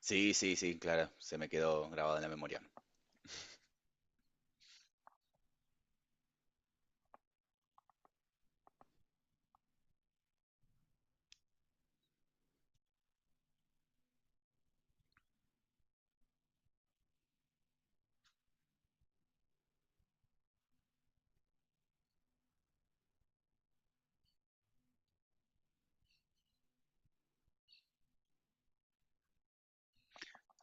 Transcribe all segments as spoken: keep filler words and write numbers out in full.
Sí, sí, sí, claro, se me quedó grabado en la memoria.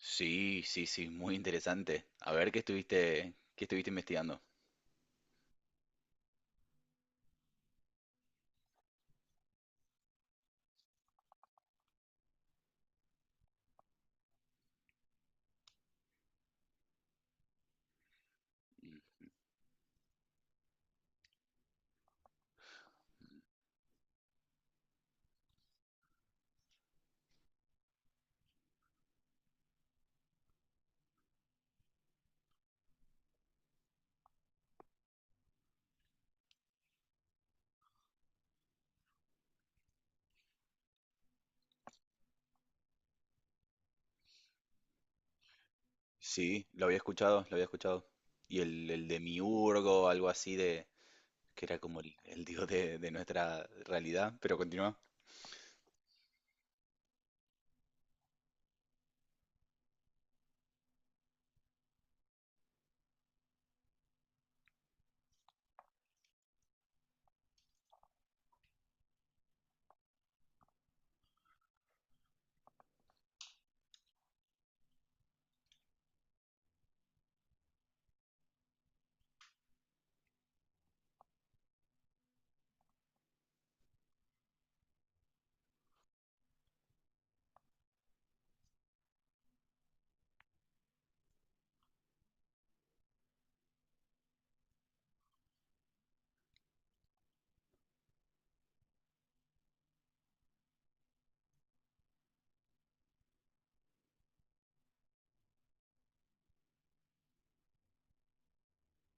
Sí, sí, sí, muy interesante. A ver, ¿qué estuviste, qué estuviste investigando? Mm. Sí, lo había escuchado, lo había escuchado. Y el, el de miurgo, algo así de, que era como el, el dios de, de nuestra realidad, pero continúa.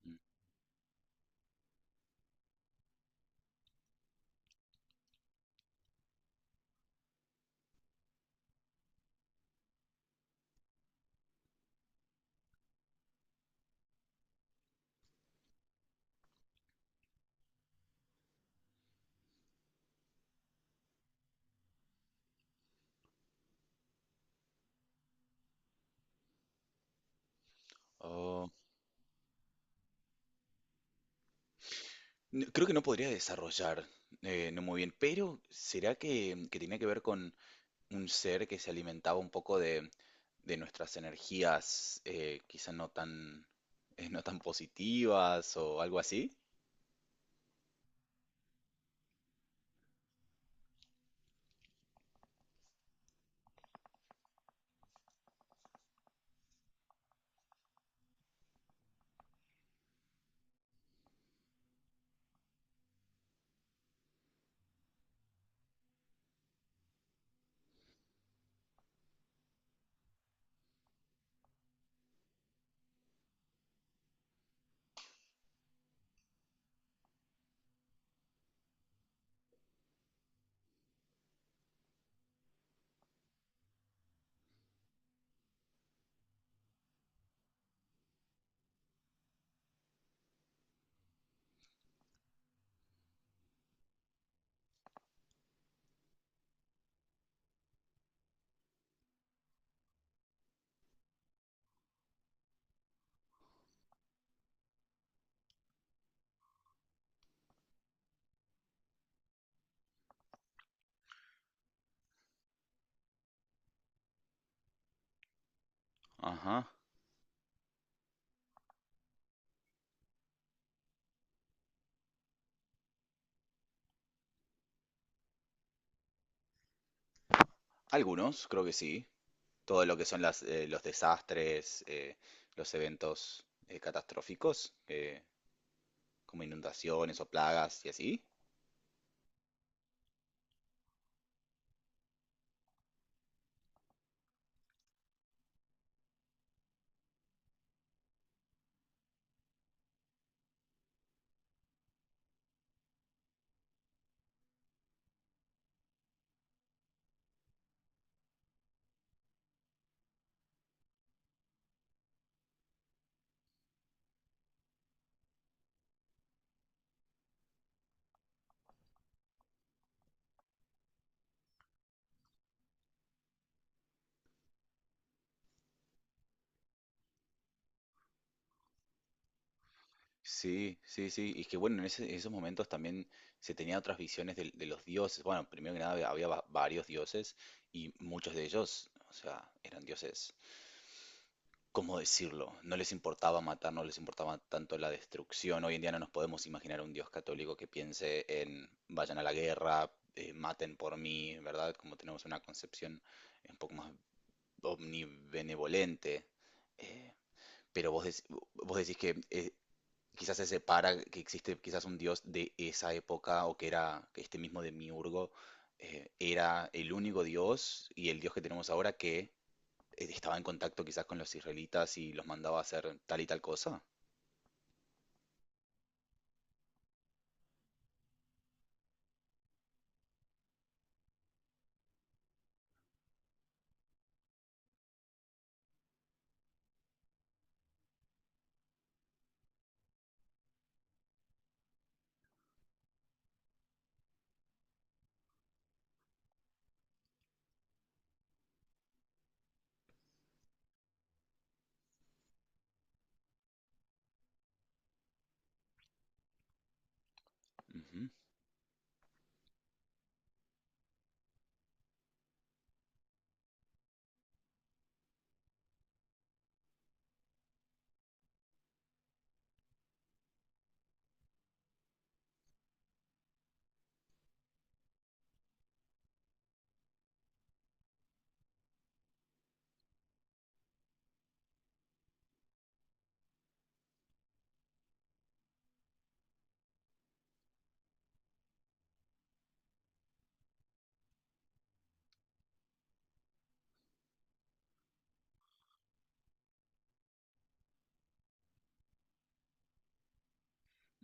Mm. Oh, n- creo que no podría desarrollar, eh, no muy bien, pero ¿será que, que tenía que ver con un ser que se alimentaba un poco de, de nuestras energías, eh, quizá no tan, eh, no tan positivas o algo así. Ajá. Algunos, creo que sí. Todo lo que son las, eh, los desastres, eh, los eventos eh, catastróficos, eh, como inundaciones o plagas y así. Sí, sí, sí. Y es que bueno, en ese- esos momentos también se tenía otras visiones del- de los dioses. Bueno, primero que nada había, había va- varios dioses y muchos de ellos, o sea, eran dioses, ¿cómo decirlo? No les importaba matar, no les importaba tanto la destrucción. Hoy en día no nos podemos imaginar un Dios católico que piense en vayan a la guerra, eh, maten por mí, ¿verdad? Como tenemos una concepción un poco más omnibenevolente. Eh, pero vos, dec- vos decís que eh, quizás se separa, que existe quizás un Dios de esa época o que era que este mismo Demiurgo eh, era el único Dios y el Dios que tenemos ahora que eh, estaba en contacto quizás con los israelitas y los mandaba a hacer tal y tal cosa. Ujú.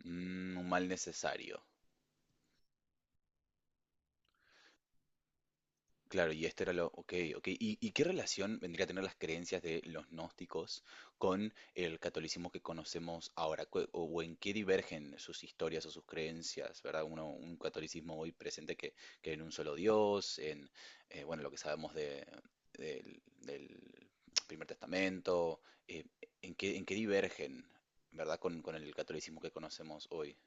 Mm, un mal necesario. Claro, y esto era lo, ok, ok. ¿Y, y qué relación vendría a tener las creencias de los gnósticos con el catolicismo que conocemos ahora? Cu- ¿O, o en qué divergen sus historias o sus creencias, ¿verdad? Uno, un catolicismo hoy presente que, que en un solo Dios, en, eh, bueno, lo que sabemos de, del, del Primer Testamento, eh, ¿en qué, en qué divergen, ¿verdad? Con, con el catolicismo que conocemos hoy.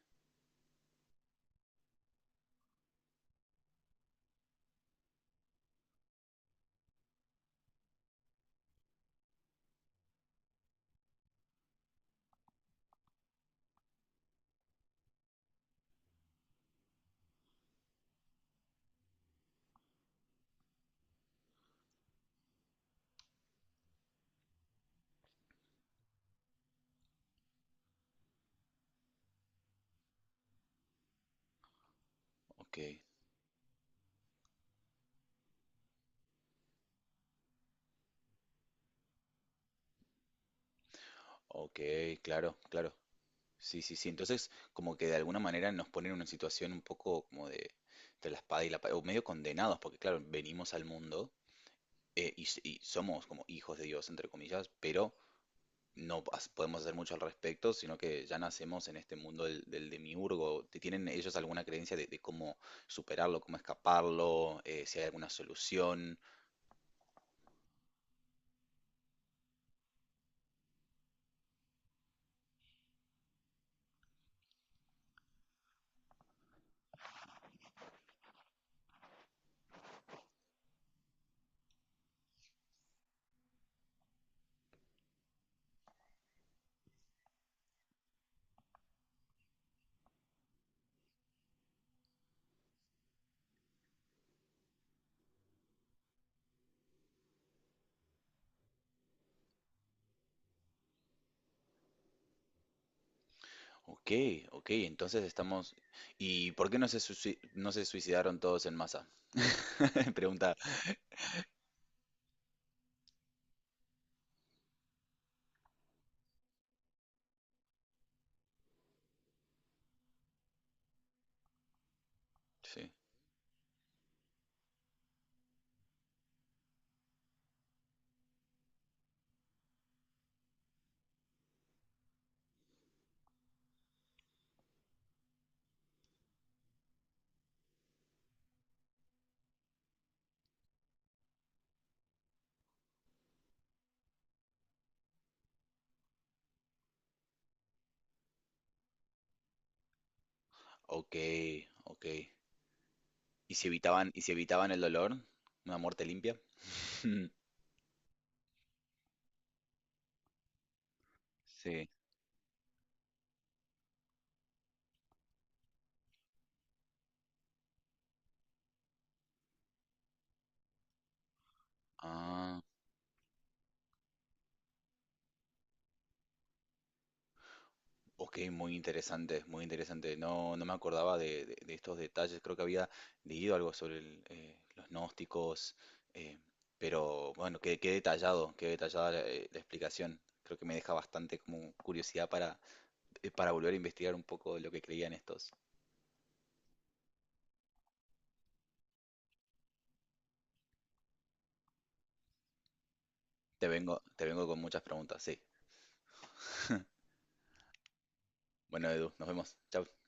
Ok, ok, claro, claro. Sí, sí, sí. Entonces, como que de alguna manera nos ponen en una situación un poco como de entre la espada y la pared, o medio condenados, porque claro, venimos al mundo eh, y, s- y somos como hijos de Dios, entre comillas, pero no pas- podemos hacer mucho al respecto, sino que ya nacemos en este mundo del, del demiurgo. ¿Te- ¿Tienen ellos alguna creencia de, de cómo superarlo, cómo escaparlo, eh, si hay alguna solución? Ok, ok, entonces estamos... ¿Y por qué no se, suici- no se suicidaron todos en masa? Pregunta. Sí. Ok, ok. ¿Y si evitaban, y si evitaban el dolor? ¿Una muerte limpia? Sí. Ah, ok, muy interesante, muy interesante. No, no me acordaba de, de- de estos detalles. Creo que había leído algo sobre el, eh, los gnósticos, eh, pero bueno, qué, qué detallado, qué detallada la, eh, la explicación. Creo que me deja bastante como curiosidad para, eh, para volver a investigar un poco de lo que creían estos. Te vengo, te vengo con muchas preguntas, sí. Bueno, Edu, nos vemos. Chao.